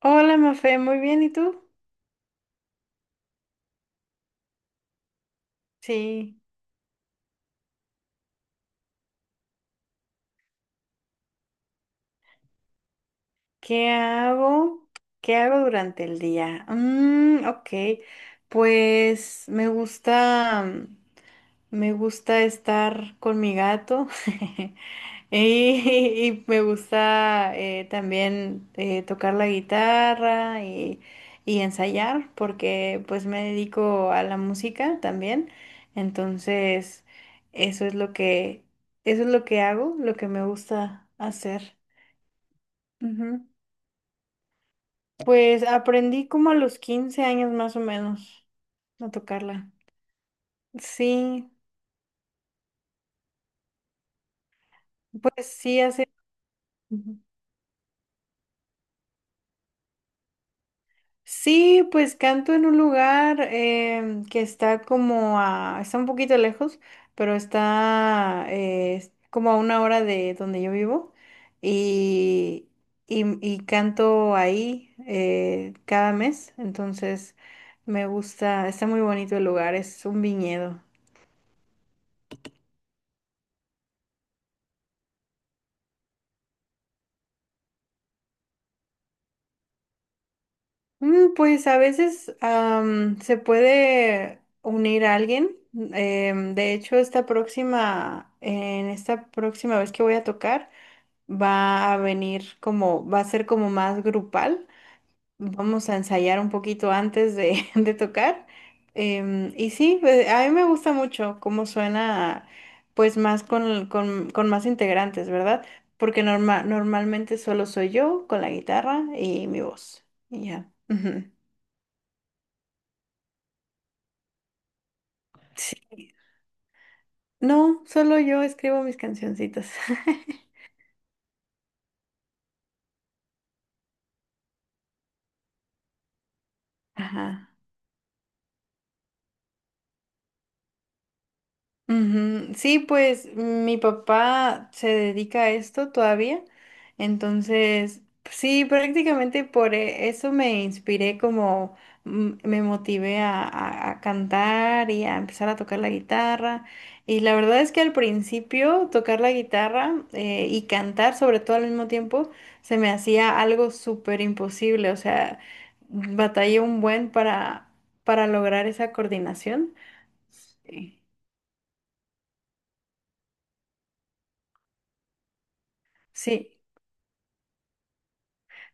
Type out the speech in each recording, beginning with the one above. Hola, Mafe, muy bien, ¿y tú? Sí, ¿qué hago? ¿Qué hago durante el día? Mm, ok, pues me gusta estar con mi gato. Y, y me gusta también tocar la guitarra y ensayar porque pues me dedico a la música también. Entonces, eso es lo que, eso es lo que hago, lo que me gusta hacer. Ujú. Pues aprendí como a los 15 años más o menos a tocarla. Sí, pues sí, hace. Ujú. Sí, pues canto en un lugar que está está un poquito lejos, pero está es como a una hora de donde yo vivo y, y canto ahí cada mes. Entonces me gusta, está muy bonito el lugar, es un viñedo. Pues a veces se puede unir a alguien. De hecho, en esta próxima vez que voy a tocar, va a ser como más grupal. Vamos a ensayar un poquito antes de, de tocar. Y sí, a mí me gusta mucho cómo suena, pues más con más integrantes, ¿verdad? Porque normalmente solo soy yo con la guitarra y mi voz. Y ya. Ujú. Sí. No, solo yo escribo mis cancioncitas. Ajá. Ujú, sí, pues mi papá se dedica a esto todavía, entonces sí, prácticamente por eso me inspiré como me motivé a cantar y a empezar a tocar la guitarra. Y la verdad es que al principio tocar la guitarra y cantar sobre todo al mismo tiempo se me hacía algo súper imposible, o sea, batallé un buen para lograr esa coordinación. Sí. Sí.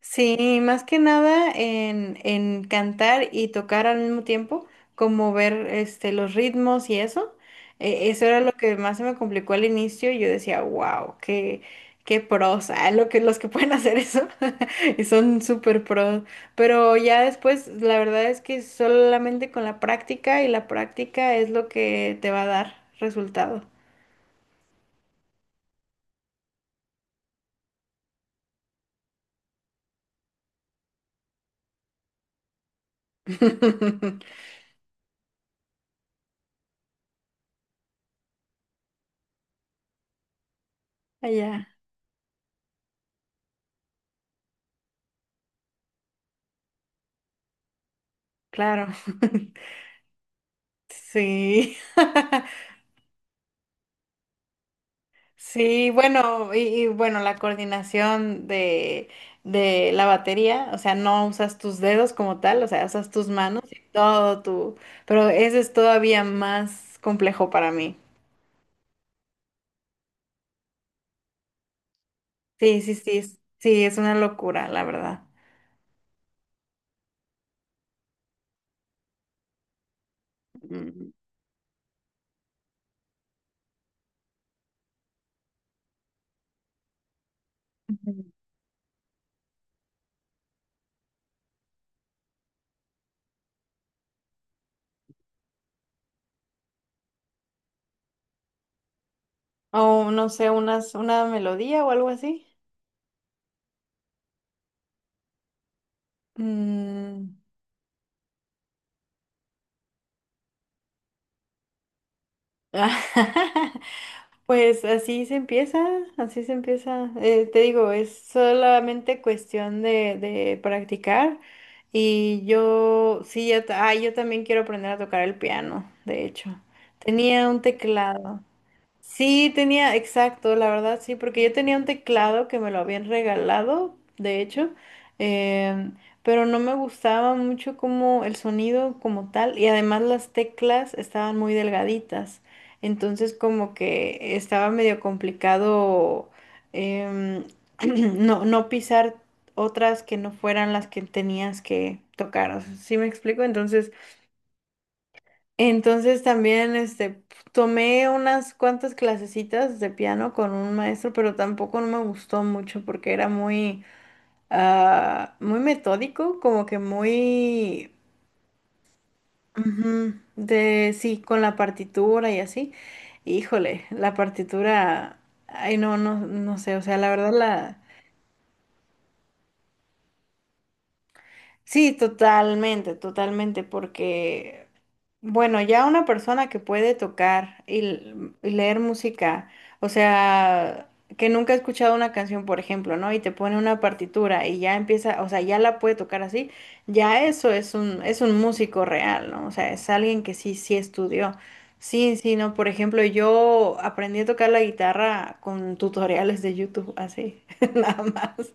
Sí, más que nada en cantar y tocar al mismo tiempo, como ver este, los ritmos y eso. Eso era lo que más se me complicó al inicio. Yo decía, wow, qué pros, ah, los que pueden hacer eso y son súper pros. Pero ya después, la verdad es que solamente con la práctica y la práctica es lo que te va a dar resultado. Allá, claro. Sí. Sí, bueno, y bueno, la coordinación de la batería, o sea, no usas tus dedos como tal, o sea, usas tus manos y todo tu, pero ese es todavía más complejo para mí. Sí, sí, sí, sí, es una locura, la verdad. Mm. Ujú. O no sé, una melodía o algo así. Mm. Pues así se empieza, así se empieza. Te digo, es solamente cuestión de practicar. Y yo, sí, ya, yo también quiero aprender a tocar el piano, de hecho. Tenía un teclado Sí, tenía, exacto, la verdad, sí, porque yo tenía un teclado que me lo habían regalado, de hecho, em, pero no me gustaba mucho como el sonido como tal, y además las teclas estaban muy delgaditas, entonces como que estaba medio complicado em, no, no pisar otras que no fueran las que tenías que tocar, o sea, ¿sí me explico? Entonces también este tomé unas cuantas clasecitas de piano con un maestro, pero tampoco no me gustó mucho porque era muy muy metódico, como que muy ujú, de sí, con la partitura y así. Híjole, la partitura, ay no, no, no sé, o sea, la verdad la Sí, totalmente, totalmente, porque, bueno, ya una persona que puede tocar y leer música, o sea, que nunca ha escuchado una canción, por ejemplo, ¿no? Y te pone una partitura y ya empieza, o sea, ya la puede tocar así, ya eso es es un músico real, ¿no? O sea, es alguien que sí, sí estudió. Sí, sí, ¿no? Por ejemplo, yo aprendí a tocar la guitarra con tutoriales de YouTube, así, nada más.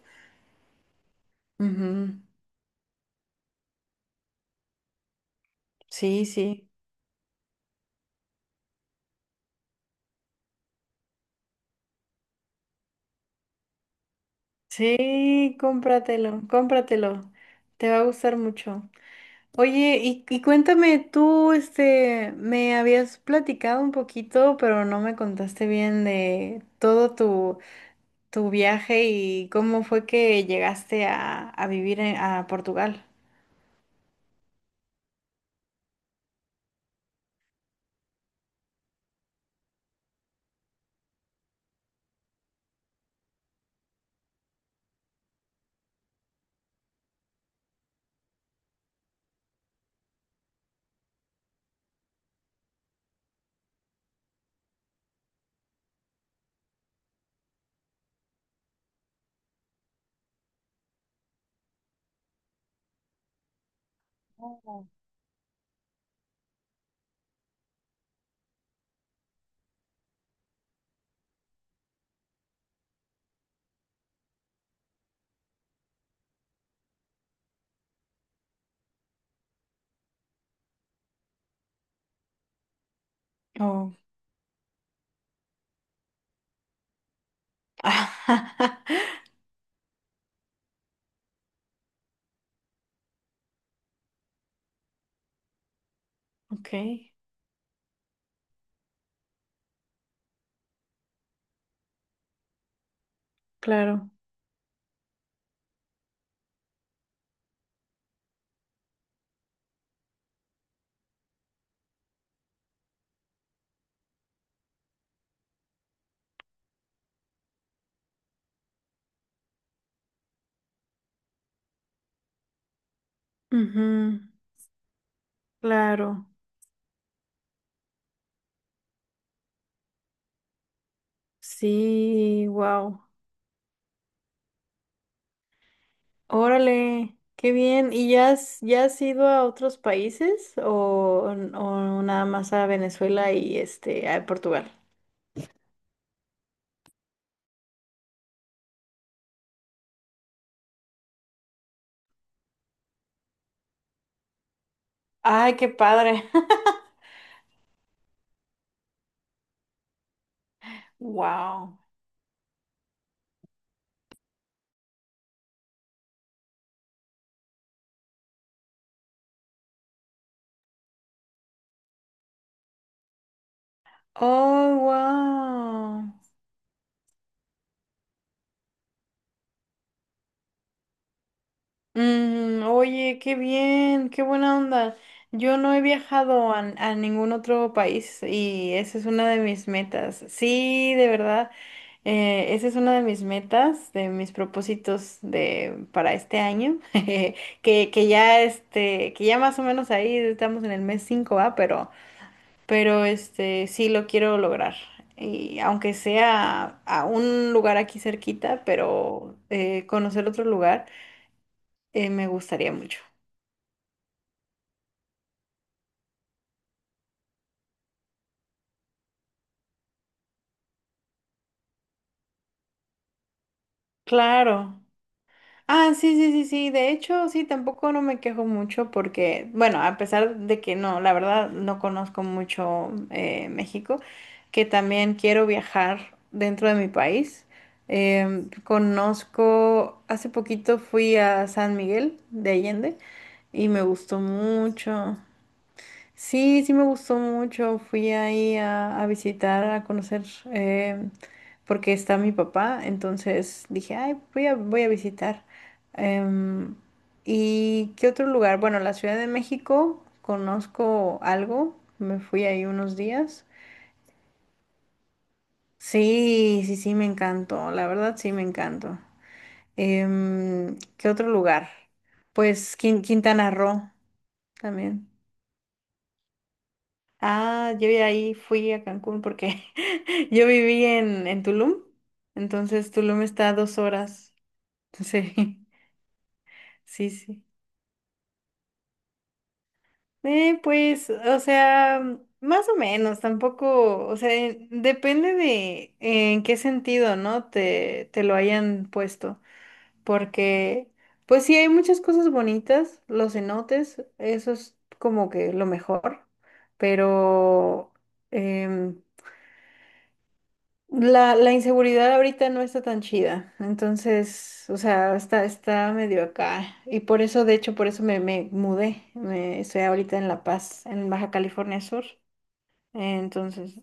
Ujú, sí, sí. Sí, cómpratelo, cómpratelo. Te va a gustar mucho. Oye, y cuéntame, tú, este, me habías platicado un poquito, pero no me contaste bien de todo tu viaje y cómo fue que llegaste a vivir a Portugal. Oh. Ok, claro. Ujú, claro. Sí, wow. Órale, qué bien. ¿Y ya has ido a otros países o nada más a Venezuela y este a Portugal? Ay, qué padre. Wow. Oh, wow. Oye, qué bien, qué buena onda. Yo no he viajado a ningún otro país y esa es una de mis metas. Sí, de verdad, esa es una de mis metas, de mis propósitos para este año, que ya más o menos ahí estamos en el mes 5 ¿va? Pero este, sí lo quiero lograr. Y aunque sea a un lugar aquí cerquita, pero conocer otro lugar, me gustaría mucho. Claro. Ah, sí, sí, sí, sí. De hecho, sí, tampoco no me quejo mucho porque, bueno, a pesar de que no, la verdad, no conozco mucho México, que también quiero viajar dentro de mi país. Conozco, hace poquito fui a San Miguel de Allende y me gustó mucho. Sí, sí me gustó mucho. Fui ahí a visitar, a conocer, eh, porque está mi papá. Entonces dije, ay, voy a visitar. Em, ¿y qué otro lugar? Bueno, la Ciudad de México, conozco algo. Me fui ahí unos días. Sí, sí, sí, me encantó. La verdad, sí, me encantó. ¿Qué otro lugar? Pues Quintana Roo también. Ah, yo ya ahí fui a Cancún porque yo viví en Tulum, entonces Tulum está a 2 horas. Sí, sí, sí. Pues, o sea, más o menos, tampoco, o sea, depende de en qué sentido, ¿no? Te lo hayan puesto, porque, pues sí, hay muchas cosas bonitas, los cenotes, eso es como que lo mejor, pero em, la inseguridad ahorita no está tan chida, entonces, o sea, está medio acá. Y por eso, de hecho, por eso me mudé. Estoy ahorita en La Paz, en Baja California Sur. Entonces,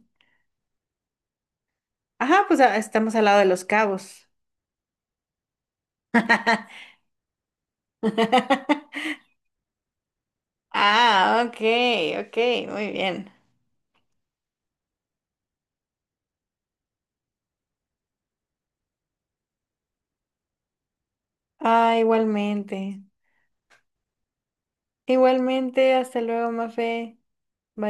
ajá, pues estamos al lado de Los Cabos. Ah, ok, ok, muy bien. Ah, igualmente. Igualmente, hasta luego, Mafe. Bye.